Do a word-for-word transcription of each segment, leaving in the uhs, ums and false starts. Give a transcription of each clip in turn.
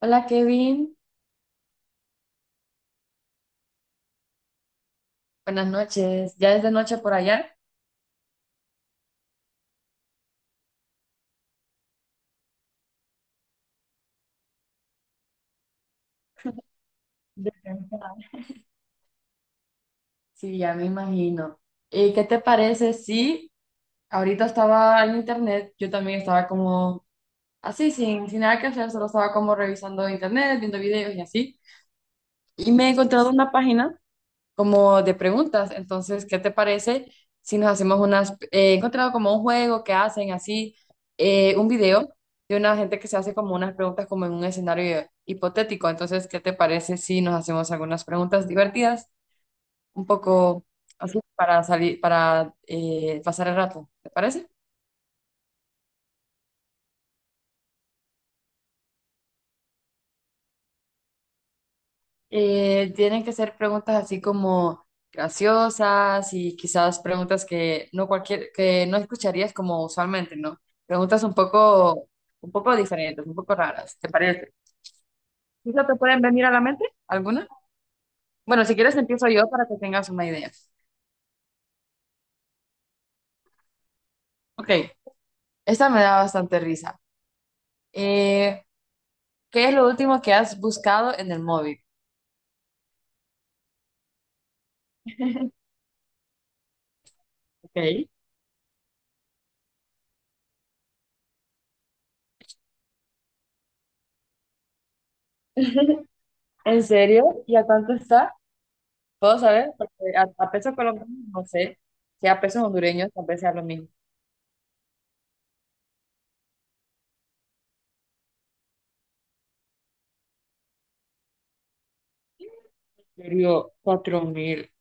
Hola, Kevin, buenas noches. ¿Ya es de noche por allá? De temprano. Sí, ya me imagino. ¿Y qué te parece si ahorita estaba en internet? Yo también estaba como así, sin, sin nada que hacer, solo estaba como revisando internet, viendo videos y así. Y me he encontrado una página como de preguntas. Entonces, ¿qué te parece si nos hacemos unas? eh, He encontrado como un juego que hacen así. Eh, un video de una gente que se hace como unas preguntas como en un escenario hipotético. Entonces, ¿qué te parece si nos hacemos algunas preguntas divertidas, un poco así para salir, para eh, pasar el rato? ¿Te parece? Eh, tienen que ser preguntas así como graciosas y quizás preguntas que no cualquier, que no escucharías como usualmente, ¿no? Preguntas un poco, un poco diferentes, un poco raras, ¿te parece? ¿Quizás te pueden venir a la mente alguna? Bueno, si quieres empiezo yo para que tengas una idea. Ok, esta me da bastante risa. Eh, ¿Qué es lo último que has buscado en el móvil? Ok. ¿En serio? ¿Y a cuánto está? ¿Puedo saber? Porque a, a pesos colombianos no sé. Si a pesos hondureños tal vez sea lo mismo. Perdió cuatro mil.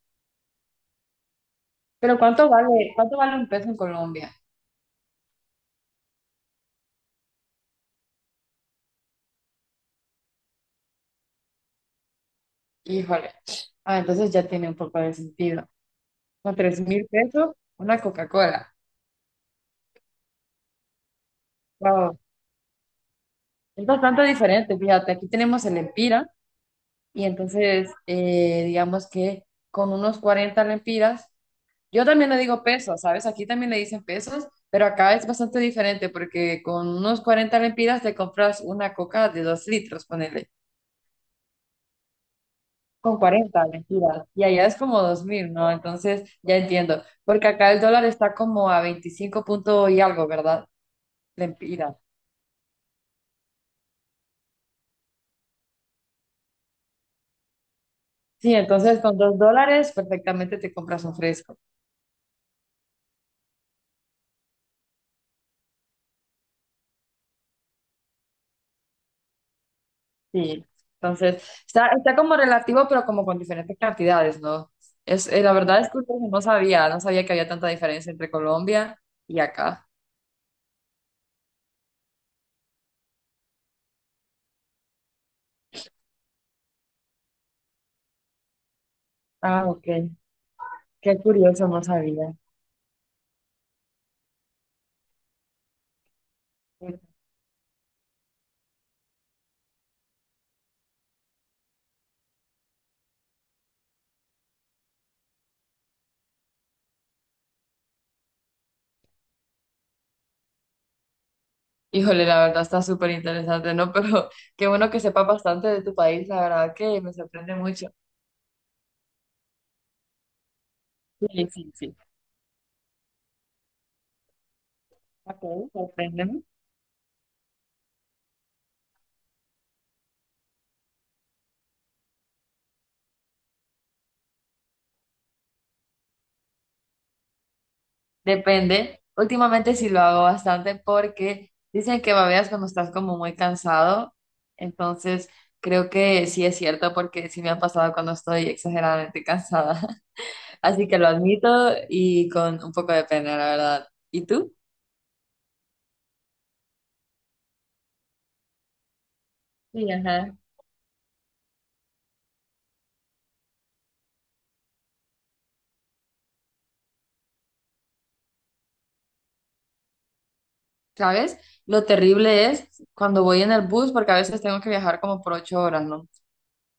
Pero ¿cuánto vale, cuánto vale un peso en Colombia? Híjole. Ah, entonces ya tiene un poco de sentido. Con tres mil pesos, una Coca-Cola. Wow. Es bastante diferente, fíjate. Aquí tenemos el Empira, y entonces eh, digamos que con unos cuarenta lempiras, yo también le digo pesos, ¿sabes? Aquí también le dicen pesos, pero acá es bastante diferente porque con unos cuarenta lempiras te compras una coca de dos litros, ponele. Con cuarenta, mentira. Y allá es como dos mil, ¿no? Entonces ya entiendo. Porque acá el dólar está como a veinticinco punto y algo, ¿verdad? Mentira. Sí, entonces con dos dólares perfectamente te compras un fresco. Sí. Entonces está, está como relativo, pero como con diferentes cantidades, ¿no? Es, eh, la verdad es que no sabía, no sabía que había tanta diferencia entre Colombia y acá. Ah, ok. Qué curioso, no sabía. Híjole, la verdad está súper interesante, ¿no? Pero qué bueno que sepa bastante de tu país, la verdad que me sorprende mucho. Sí, sí, sí. Ok, sorpréndeme. Depende. Últimamente sí lo hago bastante porque dicen que babeas cuando estás como muy cansado. Entonces, creo que sí es cierto porque sí me ha pasado cuando estoy exageradamente cansada. Así que lo admito y con un poco de pena, la verdad. ¿Y tú? Sí, ajá. ¿Sabes? Lo terrible es cuando voy en el bus, porque a veces tengo que viajar como por ocho horas, ¿no?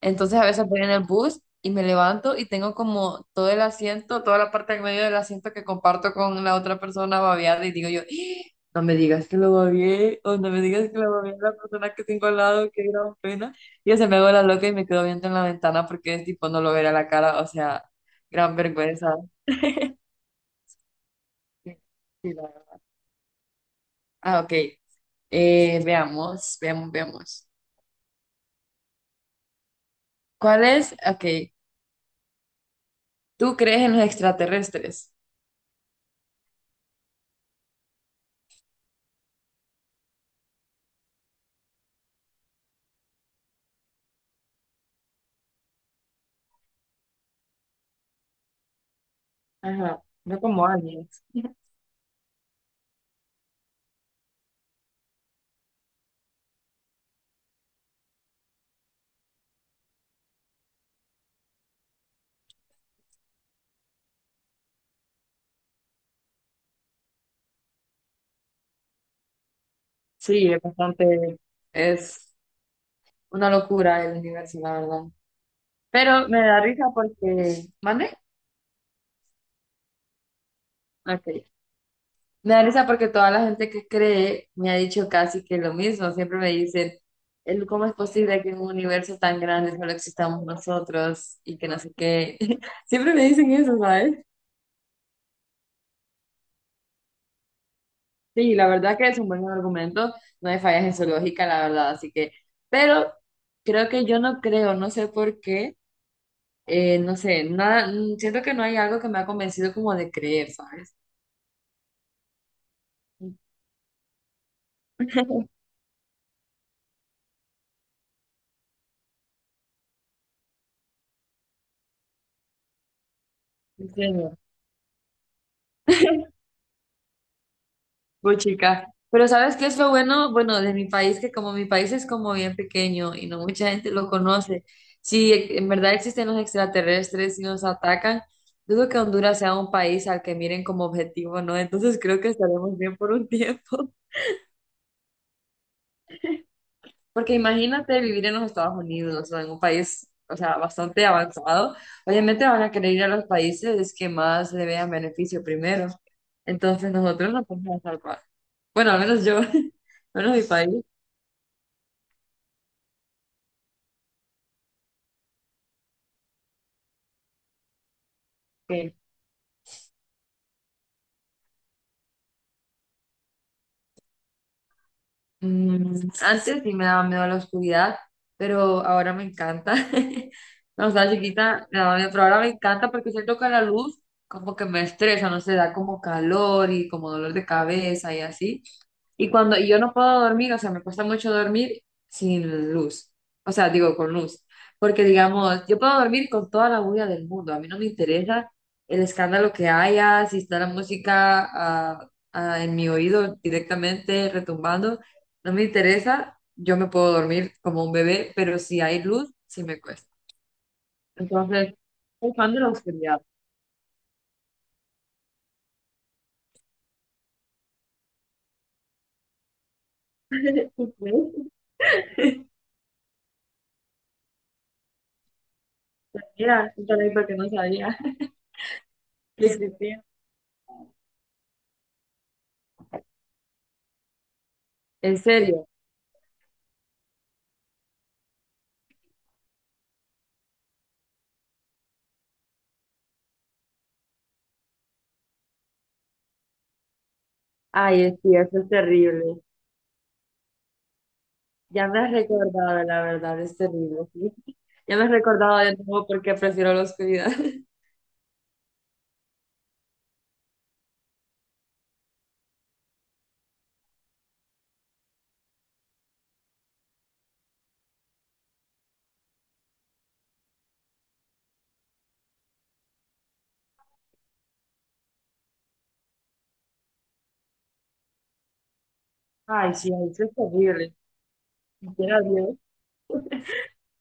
Entonces a veces voy en el bus y me levanto y tengo como todo el asiento, toda la parte del medio del asiento que comparto con la otra persona babeada y digo yo: "Ah, no me digas que lo babeé o no me digas que lo babeé a la persona que tengo al lado, qué gran pena". Y yo se me hago la loca y me quedo viendo en la ventana porque es tipo no lo veré a la cara, o sea, gran vergüenza. Sí, sí, la verdad. Ah, ok. Eh, veamos, veamos, veamos. ¿Cuál es? Ok, ¿tú crees en los extraterrestres? Ajá, no como aliens. Sí, es bastante, es una locura el universo, la verdad. Pero me da risa porque, ¿mande? Ok, me da risa porque toda la gente que cree me ha dicho casi que lo mismo. Siempre me dicen, el- ¿cómo es posible que en un universo tan grande solo existamos nosotros y que no sé qué? Siempre me dicen eso, ¿sabes? Sí, la verdad que es un buen argumento, no hay fallas en su lógica, la verdad, así que, pero creo que yo no creo, no sé por qué, eh, no sé, nada, mm, siento que no hay algo que me ha convencido como de creer, ¿sabes? En serio. Pues chica, pero ¿sabes qué es lo bueno? Bueno, de mi país, que como mi país es como bien pequeño y no mucha gente lo conoce, si en verdad existen los extraterrestres y nos atacan, dudo que Honduras sea un país al que miren como objetivo, ¿no? Entonces creo que estaremos bien por un tiempo. Porque imagínate vivir en los Estados Unidos o en un país, o sea, bastante avanzado. Obviamente van a querer ir a los países que más le vean beneficio primero. Entonces nosotros no podemos salvar. Bueno, al menos yo, al menos mi país, que mm, antes sí me daba miedo la oscuridad, pero ahora me encanta. Cuando estaba chiquita, me daba miedo, pero ahora me encanta porque siento que la luz como que me estresa, no sé, da como calor y como dolor de cabeza y así. Y cuando y yo no puedo dormir, o sea, me cuesta mucho dormir sin luz, o sea, digo, con luz, porque digamos, yo puedo dormir con toda la bulla del mundo, a mí no me interesa el escándalo que haya, si está la música ah, ah, en mi oído directamente retumbando, no me interesa, yo me puedo dormir como un bebé, pero si hay luz, sí me cuesta. Entonces, soy fan de la oscuridad. Mira, porque no sabía que existía. En serio. Ay, es- sí, eso es terrible. Ya me has recordado, la verdad, es terrible. ¿Sí? Ya me has recordado de nuevo porque prefiero la oscuridad. Ay, sí, eso es terrible. Ni siquiera Dios.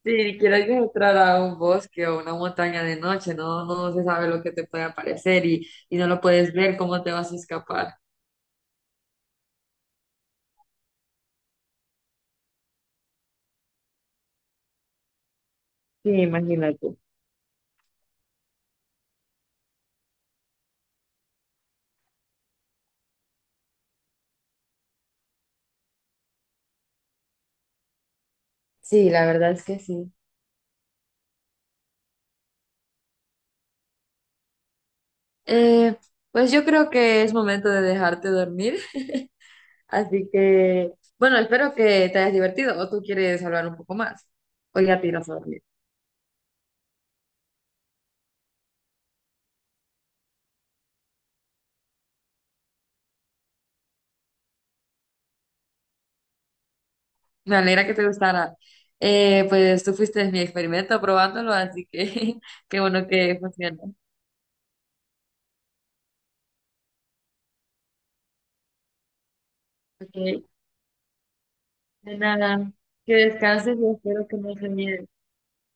Sí, ni siquiera Dios entrar a un bosque o una montaña de noche, no, no no se sabe lo que te puede aparecer y, y no lo puedes ver, cómo te vas a escapar. Sí, imagínate. Sí, la verdad es que sí. Eh, pues yo creo que es momento de dejarte dormir, así que, bueno, espero que te hayas divertido o tú quieres hablar un poco más o ya te irás a dormir. Me alegra que te gustara. Eh, pues tú fuiste mi experimento probándolo, así que qué bueno que funcionó. Ok, de nada. Que descanses y espero que no sueñes.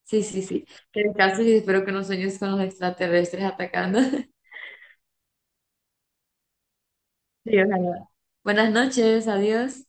Sí, sí, sí. Que descanses y espero que no sueñes con los extraterrestres atacando. Sí, ojalá. Buenas noches, adiós.